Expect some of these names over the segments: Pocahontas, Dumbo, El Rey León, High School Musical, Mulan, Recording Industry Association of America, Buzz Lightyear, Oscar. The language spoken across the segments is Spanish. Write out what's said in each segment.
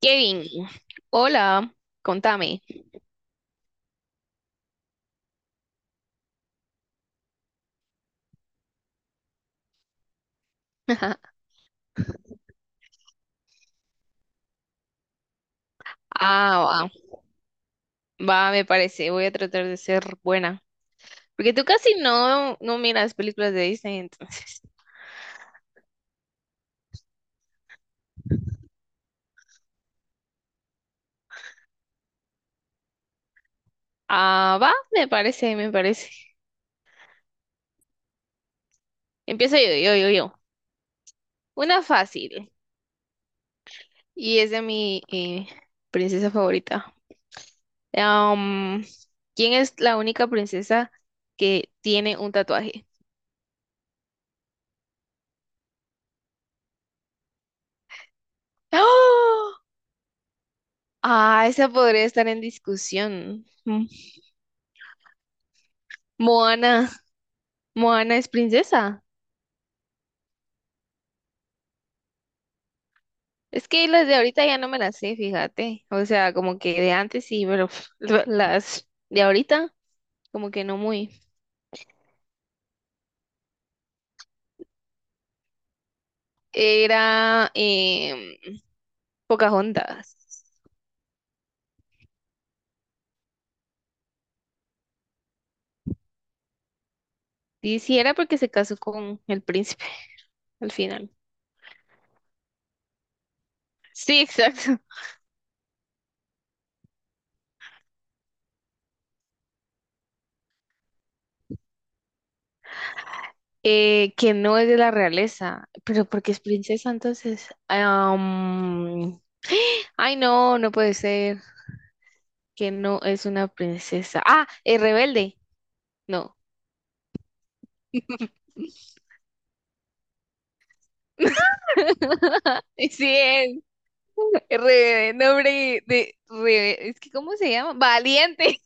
Kevin, hola, contame. Ah, va, va, me parece, voy a tratar de ser buena. Porque tú casi no, no miras películas de Disney, entonces. Ah, va, me parece, me parece. Empiezo yo, yo, yo, yo. Una fácil, y es de mi princesa favorita. Am, ¿Quién es la única princesa que tiene un tatuaje? ¡Ah! Ah, esa podría estar en discusión. Mm. Moana, Moana es princesa. Es que las de ahorita ya no me las sé, fíjate. O sea, como que de antes sí, pero las de ahorita, como que no muy. Era Pocahontas. Sí, sí, era porque se casó con el príncipe al final. Sí, exacto. Que no es de la realeza, pero porque es princesa, entonces. Ay, no, no puede ser que no es una princesa. Ah, es rebelde. No. Sí es. Re, nombre de, re, Es que ¿cómo se llama? Valiente.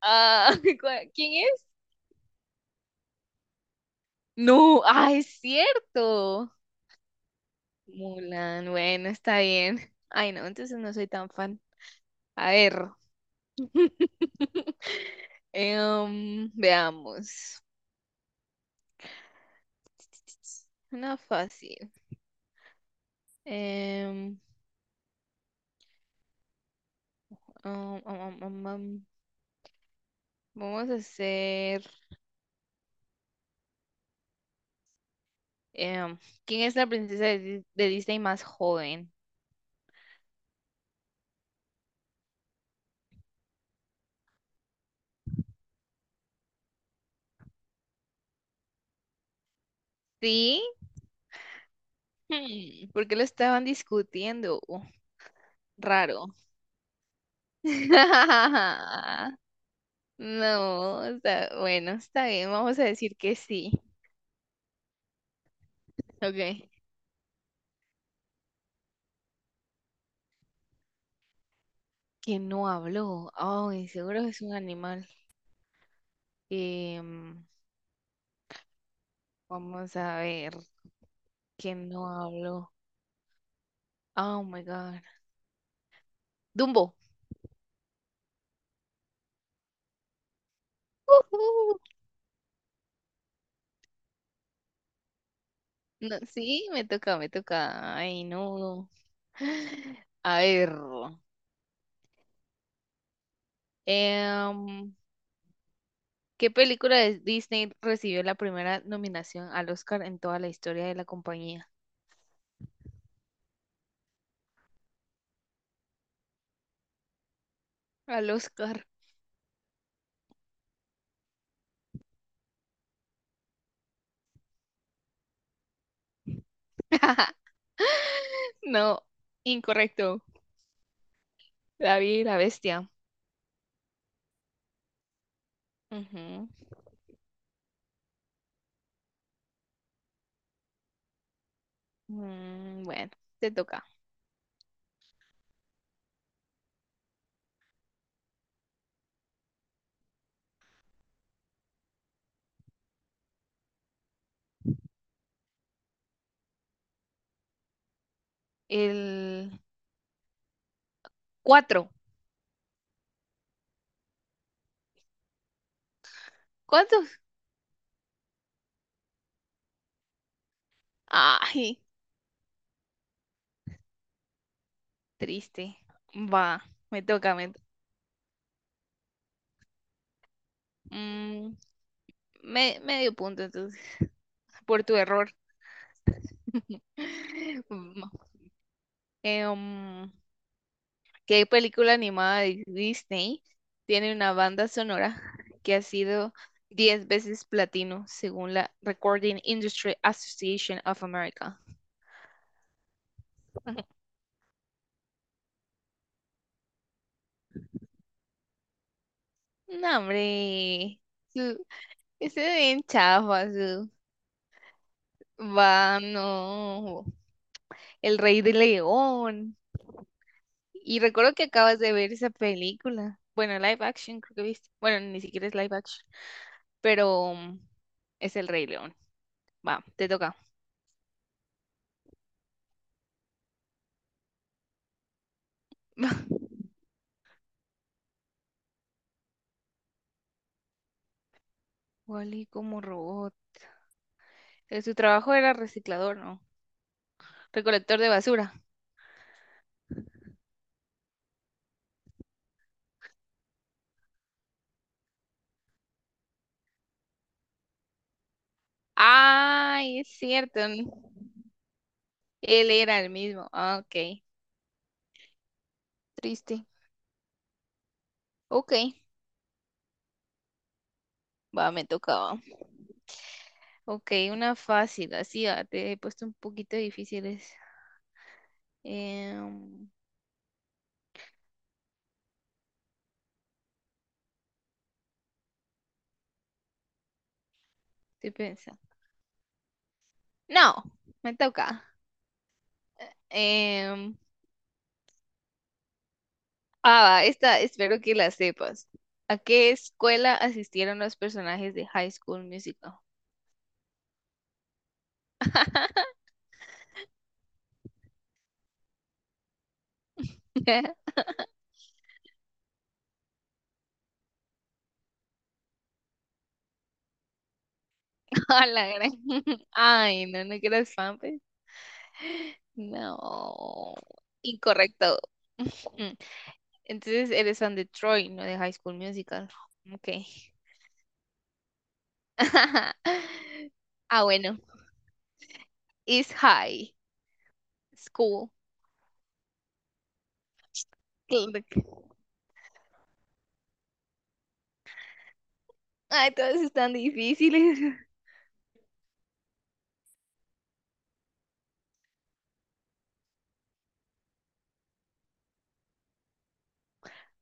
Ah, ¿Quién es? No, ah, es cierto. Mulan, bueno, está bien. Ay, no, entonces no soy tan fan. A ver, veamos. Una fácil. Em, um, um, um, um, um, Vamos a hacer. em, ¿Quién es la princesa de Disney más joven? Sí, ¿por qué lo estaban discutiendo? Raro. No, bueno, está bien, vamos a decir que sí. Ok. Que no habló. Ay, seguro es un animal. Em, Vamos a ver, que no habló. Oh my God. Dumbo. Ujú. No, sí, me toca, me toca. Ay, no. A ver. em, ¿Qué película de Disney recibió la primera nominación al Oscar en toda la historia de la compañía? Al Oscar. No, incorrecto. David la bestia. Ujú. Bueno, te toca. El cuatro. ¿Cuántos? Ay, triste. Va, me toca. Mm, Medio punto entonces, por tu error. Mm, eh, um, ¿Qué película animada de Disney tiene una banda sonora que ha sido 10 veces platino según la Recording Industry Association of America? No, hombre. Su, Ese es bien chafa, su. Va, no. El Rey de León. Y recuerdo que acabas de ver esa película. Bueno, live action, creo que viste. Bueno, ni siquiera es live action. Pero es el Rey León. Va, te toca. Wally como robot. Su trabajo era reciclador, ¿no? Recolector de basura. Ay, es cierto. Él era el mismo. Ah, ok. Triste. Ok. Va, me tocaba. Ok, una fácil, así te he puesto un poquito difíciles. Em, Estoy pensando. No, me toca. Em, Va, esta espero que la sepas. ¿A qué escuela asistieron los personajes de High School Musical? A la gran. Ay, no, no que eras fan, pues. No. Incorrecto. Entonces eres fan de Troy, no de High School Musical. Ok. Ah, bueno. Is High School. Click. Ay, todas están difíciles.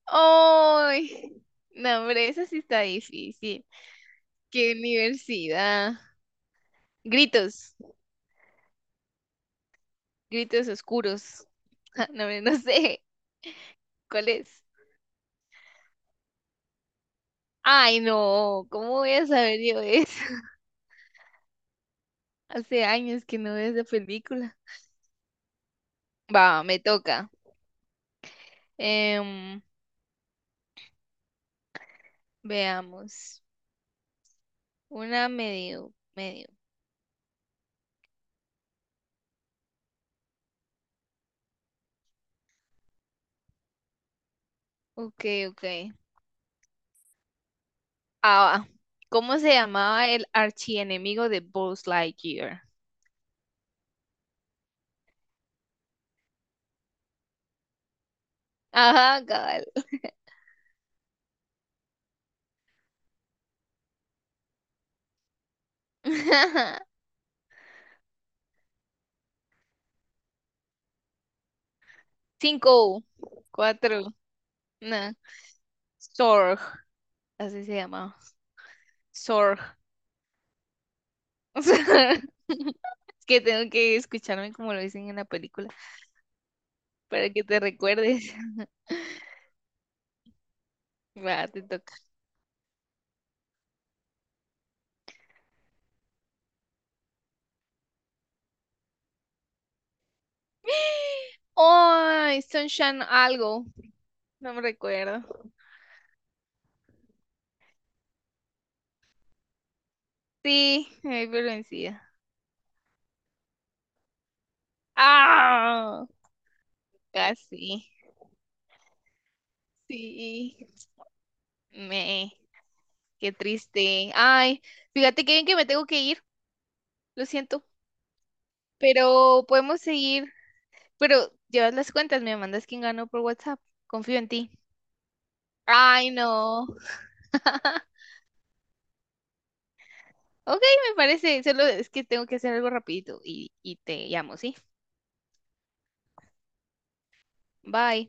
Ay, no, hombre, esa sí está difícil. ¿Qué universidad? Gritos, Gritos oscuros. Ja, no, hombre, no sé cuál es. Ay, no, ¿cómo voy a saber yo eso? Hace años que no veo esa película. Va, me toca. Em, Veamos. Una medio, medio. Ok, ok. Ah, va. ¿Cómo se llamaba el archienemigo de Buzz Lightyear? Ajá, cabal. Cinco, cuatro, no. Sorg, así se llamaba. Sorg. Es que tengo que escucharme como lo dicen en la película para que te recuerdes. Va, te toca. Ay, Sunshine algo. No me recuerdo. Sí, me di por vencida. ¡Ah! Casi. Sí. Sí, me. Qué triste. Ay, fíjate que bien que me tengo que ir. Lo siento. Pero podemos seguir. Pero llevas las cuentas, me mandas quién ganó por WhatsApp. Confío en ti. Ay, no. Ok, me parece. Solo es que tengo que hacer algo rapidito y te llamo, ¿sí? Bye.